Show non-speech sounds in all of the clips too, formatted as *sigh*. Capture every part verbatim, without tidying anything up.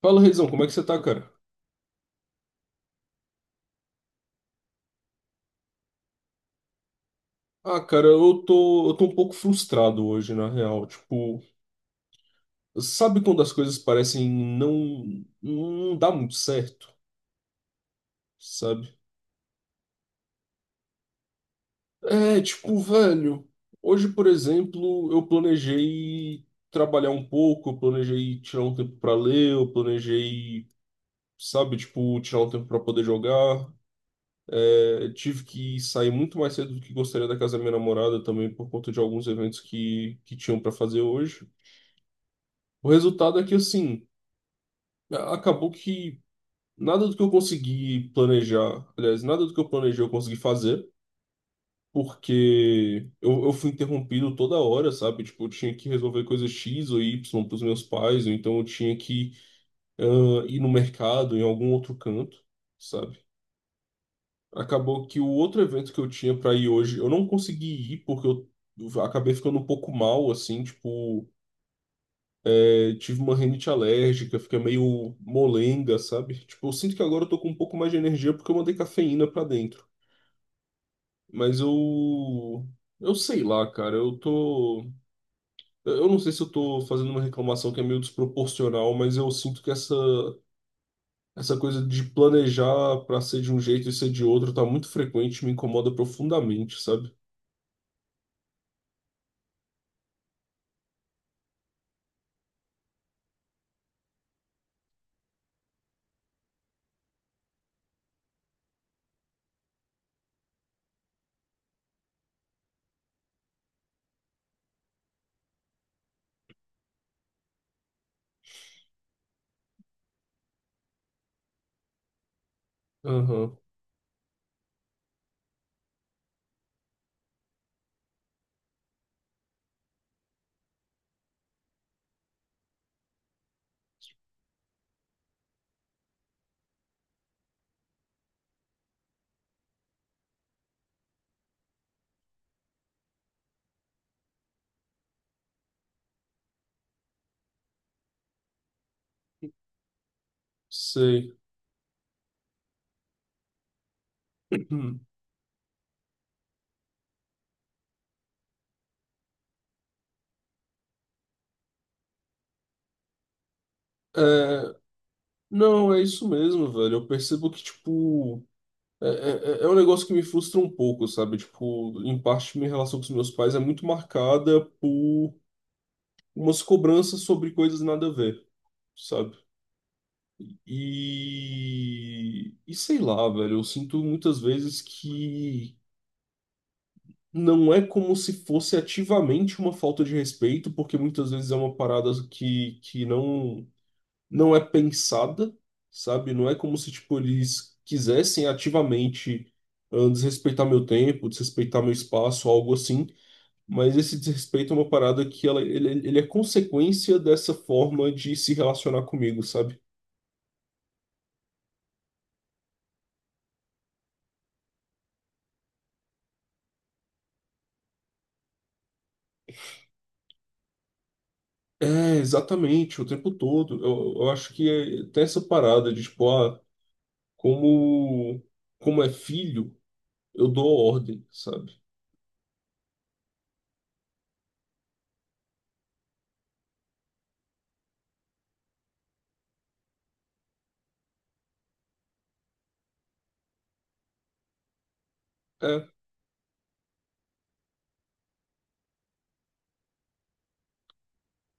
Fala, Reizão, como é que você tá, cara? Ah, cara, eu tô, eu tô um pouco frustrado hoje, na real. Tipo, sabe quando as coisas parecem não, não dar muito certo, sabe? É, tipo, velho, hoje, por exemplo, eu planejei trabalhar um pouco, eu planejei tirar um tempo pra ler, eu planejei, sabe, tipo, tirar um tempo pra poder jogar. É, tive que sair muito mais cedo do que gostaria da casa da minha namorada também por conta de alguns eventos que, que tinham pra fazer hoje. O resultado é que, assim, acabou que nada do que eu consegui planejar, aliás, nada do que eu planejei eu consegui fazer, porque eu, eu fui interrompido toda hora, sabe? Tipo, eu tinha que resolver coisa X ou Y para os meus pais, ou então eu tinha que ah, ir no mercado, em algum outro canto, sabe? Acabou que o outro evento que eu tinha para ir hoje, eu não consegui ir porque eu acabei ficando um pouco mal, assim, tipo. Eu tive uma rinite alérgica, fica meio molenga, sabe? Tipo, eu sinto que agora eu tô com um pouco mais de energia porque eu mandei cafeína pra dentro. Mas eu. Eu sei lá, cara. Eu tô. Eu não sei se eu tô fazendo uma reclamação que é meio desproporcional, mas eu sinto que essa, essa coisa de planejar pra ser de um jeito e ser de outro tá muito frequente, me incomoda profundamente, sabe? Aham, sei. *clears throat* Hum. Não, é isso mesmo, velho. Eu percebo que, tipo. É, é, é é um negócio que me frustra um pouco, sabe? Tipo, em parte minha relação com os meus pais é muito marcada por umas cobranças sobre coisas nada a ver, sabe? E, e sei lá, velho, eu sinto muitas vezes que não é como se fosse ativamente uma falta de respeito, porque muitas vezes é uma parada que, que não não é pensada, sabe? Não é como se, tipo, eles quisessem ativamente ah, desrespeitar meu tempo, desrespeitar meu espaço, algo assim. Mas esse desrespeito é uma parada que ela, ele, ele é consequência dessa forma de se relacionar comigo, sabe? É, exatamente, o tempo todo. Eu, eu acho que é, tem essa parada de, tipo, ah, como, como é filho, eu dou ordem, sabe? É,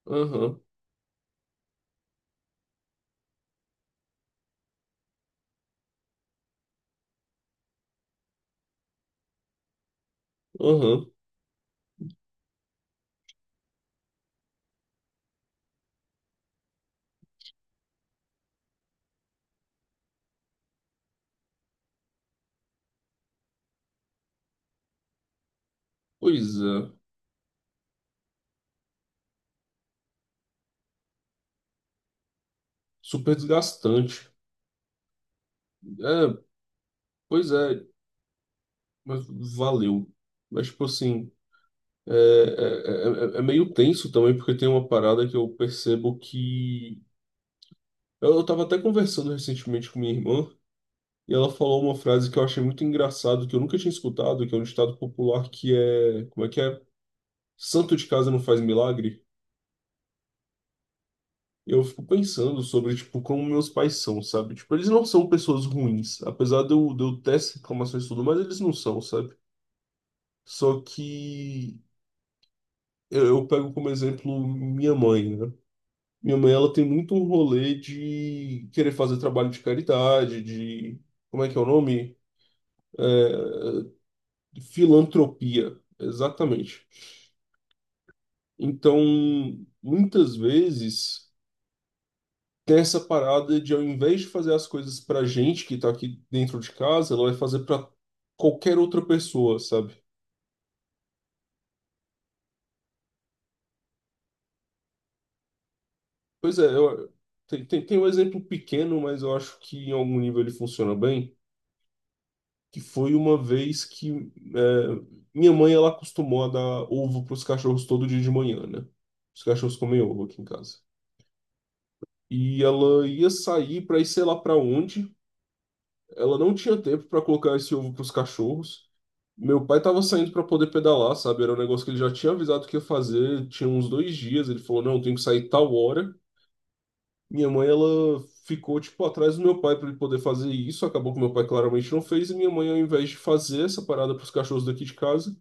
aham, aham, pois é. Super desgastante. É, pois é, mas valeu. Mas, tipo assim, é, é, é- é é meio tenso também, porque tem uma parada que eu percebo que. Eu, eu tava até conversando recentemente com minha irmã, e ela falou uma frase que eu achei muito engraçado, que eu nunca tinha escutado, que é um ditado popular que é. Como é que é? Santo de casa não faz milagre. Eu fico pensando sobre, tipo, como meus pais são, sabe? Tipo, eles não são pessoas ruins. Apesar de eu, de eu ter essas reclamações e tudo, mas eles não são, sabe? Só que eu, eu pego como exemplo minha mãe, né? Minha mãe, ela tem muito um rolê de querer fazer trabalho de caridade, de... Como é que é o nome? De filantropia, exatamente. Então, muitas vezes, tem essa parada de, ao invés de fazer as coisas pra gente que tá aqui dentro de casa, ela vai fazer pra qualquer outra pessoa, sabe? Pois é, eu... Tem, tem, tem um exemplo pequeno, mas eu acho que em algum nível ele funciona bem que foi uma vez que é, minha mãe ela acostumou a dar ovo para os cachorros todo dia de manhã, né? Os cachorros comem ovo aqui em casa. E ela ia sair para ir sei lá para onde. Ela não tinha tempo para colocar esse ovo para os cachorros. Meu pai estava saindo para poder pedalar, sabe? Era um negócio que ele já tinha avisado que ia fazer, tinha uns dois dias. Ele falou: Não, tenho que sair tal hora. Minha mãe, ela ficou, tipo, atrás do meu pai para ele poder fazer isso. Acabou que meu pai claramente não fez. E minha mãe, ao invés de fazer essa parada para os cachorros daqui de casa,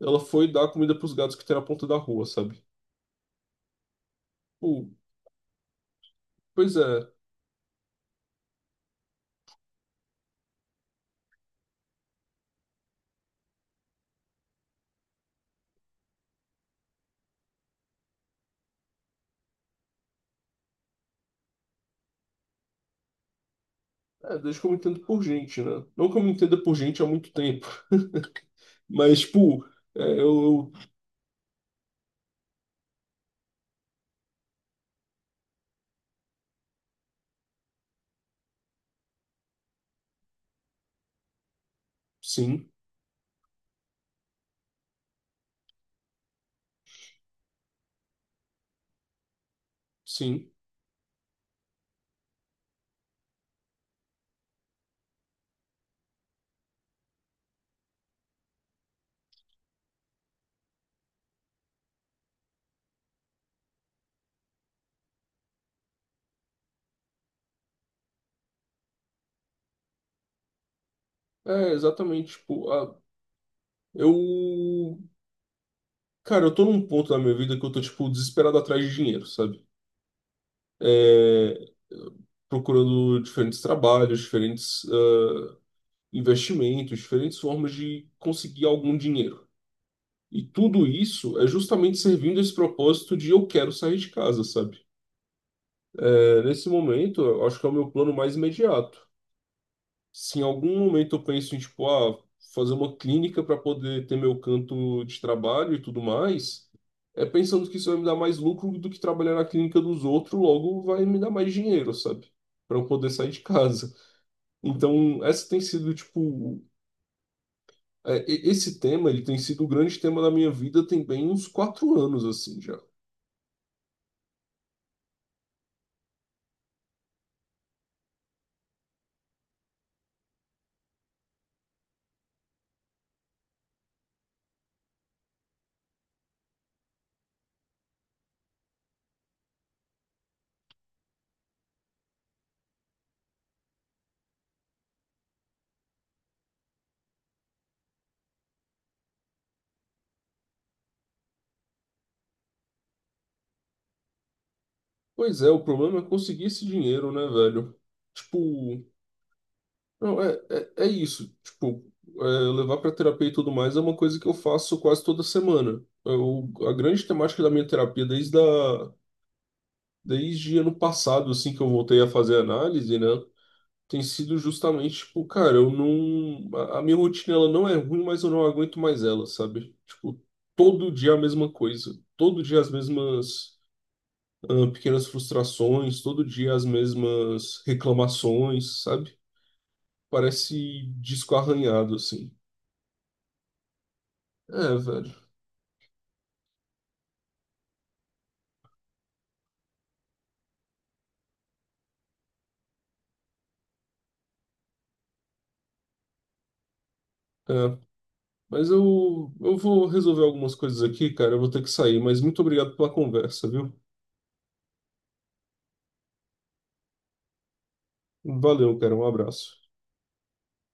ela foi dar comida pros gatos que tem na ponta da rua, sabe? Pô, pois é. É, desde que eu me entendo por gente, né? Não que eu me entenda por gente há muito tempo. *laughs* Mas, tipo, é, eu, eu- Sim, sim. É, exatamente. Tipo, a- eu. Cara, eu tô num ponto da minha vida que eu tô, tipo, desesperado atrás de dinheiro, sabe? É, procurando diferentes trabalhos, diferentes ah, investimentos, diferentes formas de conseguir algum dinheiro. E tudo isso é justamente servindo esse propósito de eu quero sair de casa, sabe? É, nesse momento, eu acho que é o meu plano mais imediato. Se em algum momento eu penso em, tipo, ah, fazer uma clínica para poder ter meu canto de trabalho e tudo mais, é pensando que isso vai me dar mais lucro do que trabalhar na clínica dos outros, logo vai me dar mais dinheiro, sabe? Para eu poder sair de casa. Então, essa tem sido, tipo, é, e- esse tema, ele tem sido o grande tema da minha vida tem bem uns quatro anos, assim, já. Pois é, o problema é conseguir esse dinheiro, né, velho? Tipo, não, é, é, é isso. Tipo, é, levar pra terapia e tudo mais é uma coisa que eu faço quase toda semana. Eu, a grande temática da minha terapia desde, a, desde ano passado, assim, que eu voltei a fazer análise, né, tem sido justamente, tipo, cara, eu não. A, a minha rotina, ela não é ruim, mas eu não aguento mais ela, sabe? Tipo, todo dia a mesma coisa. Todo dia as mesmas. Ah, pequenas frustrações, todo dia as mesmas reclamações, sabe? Parece disco arranhado, assim. É, velho. É. Mas eu, eu vou resolver algumas coisas aqui, cara. Eu vou ter que sair, mas muito obrigado pela conversa, viu? Valeu, cara. Um abraço.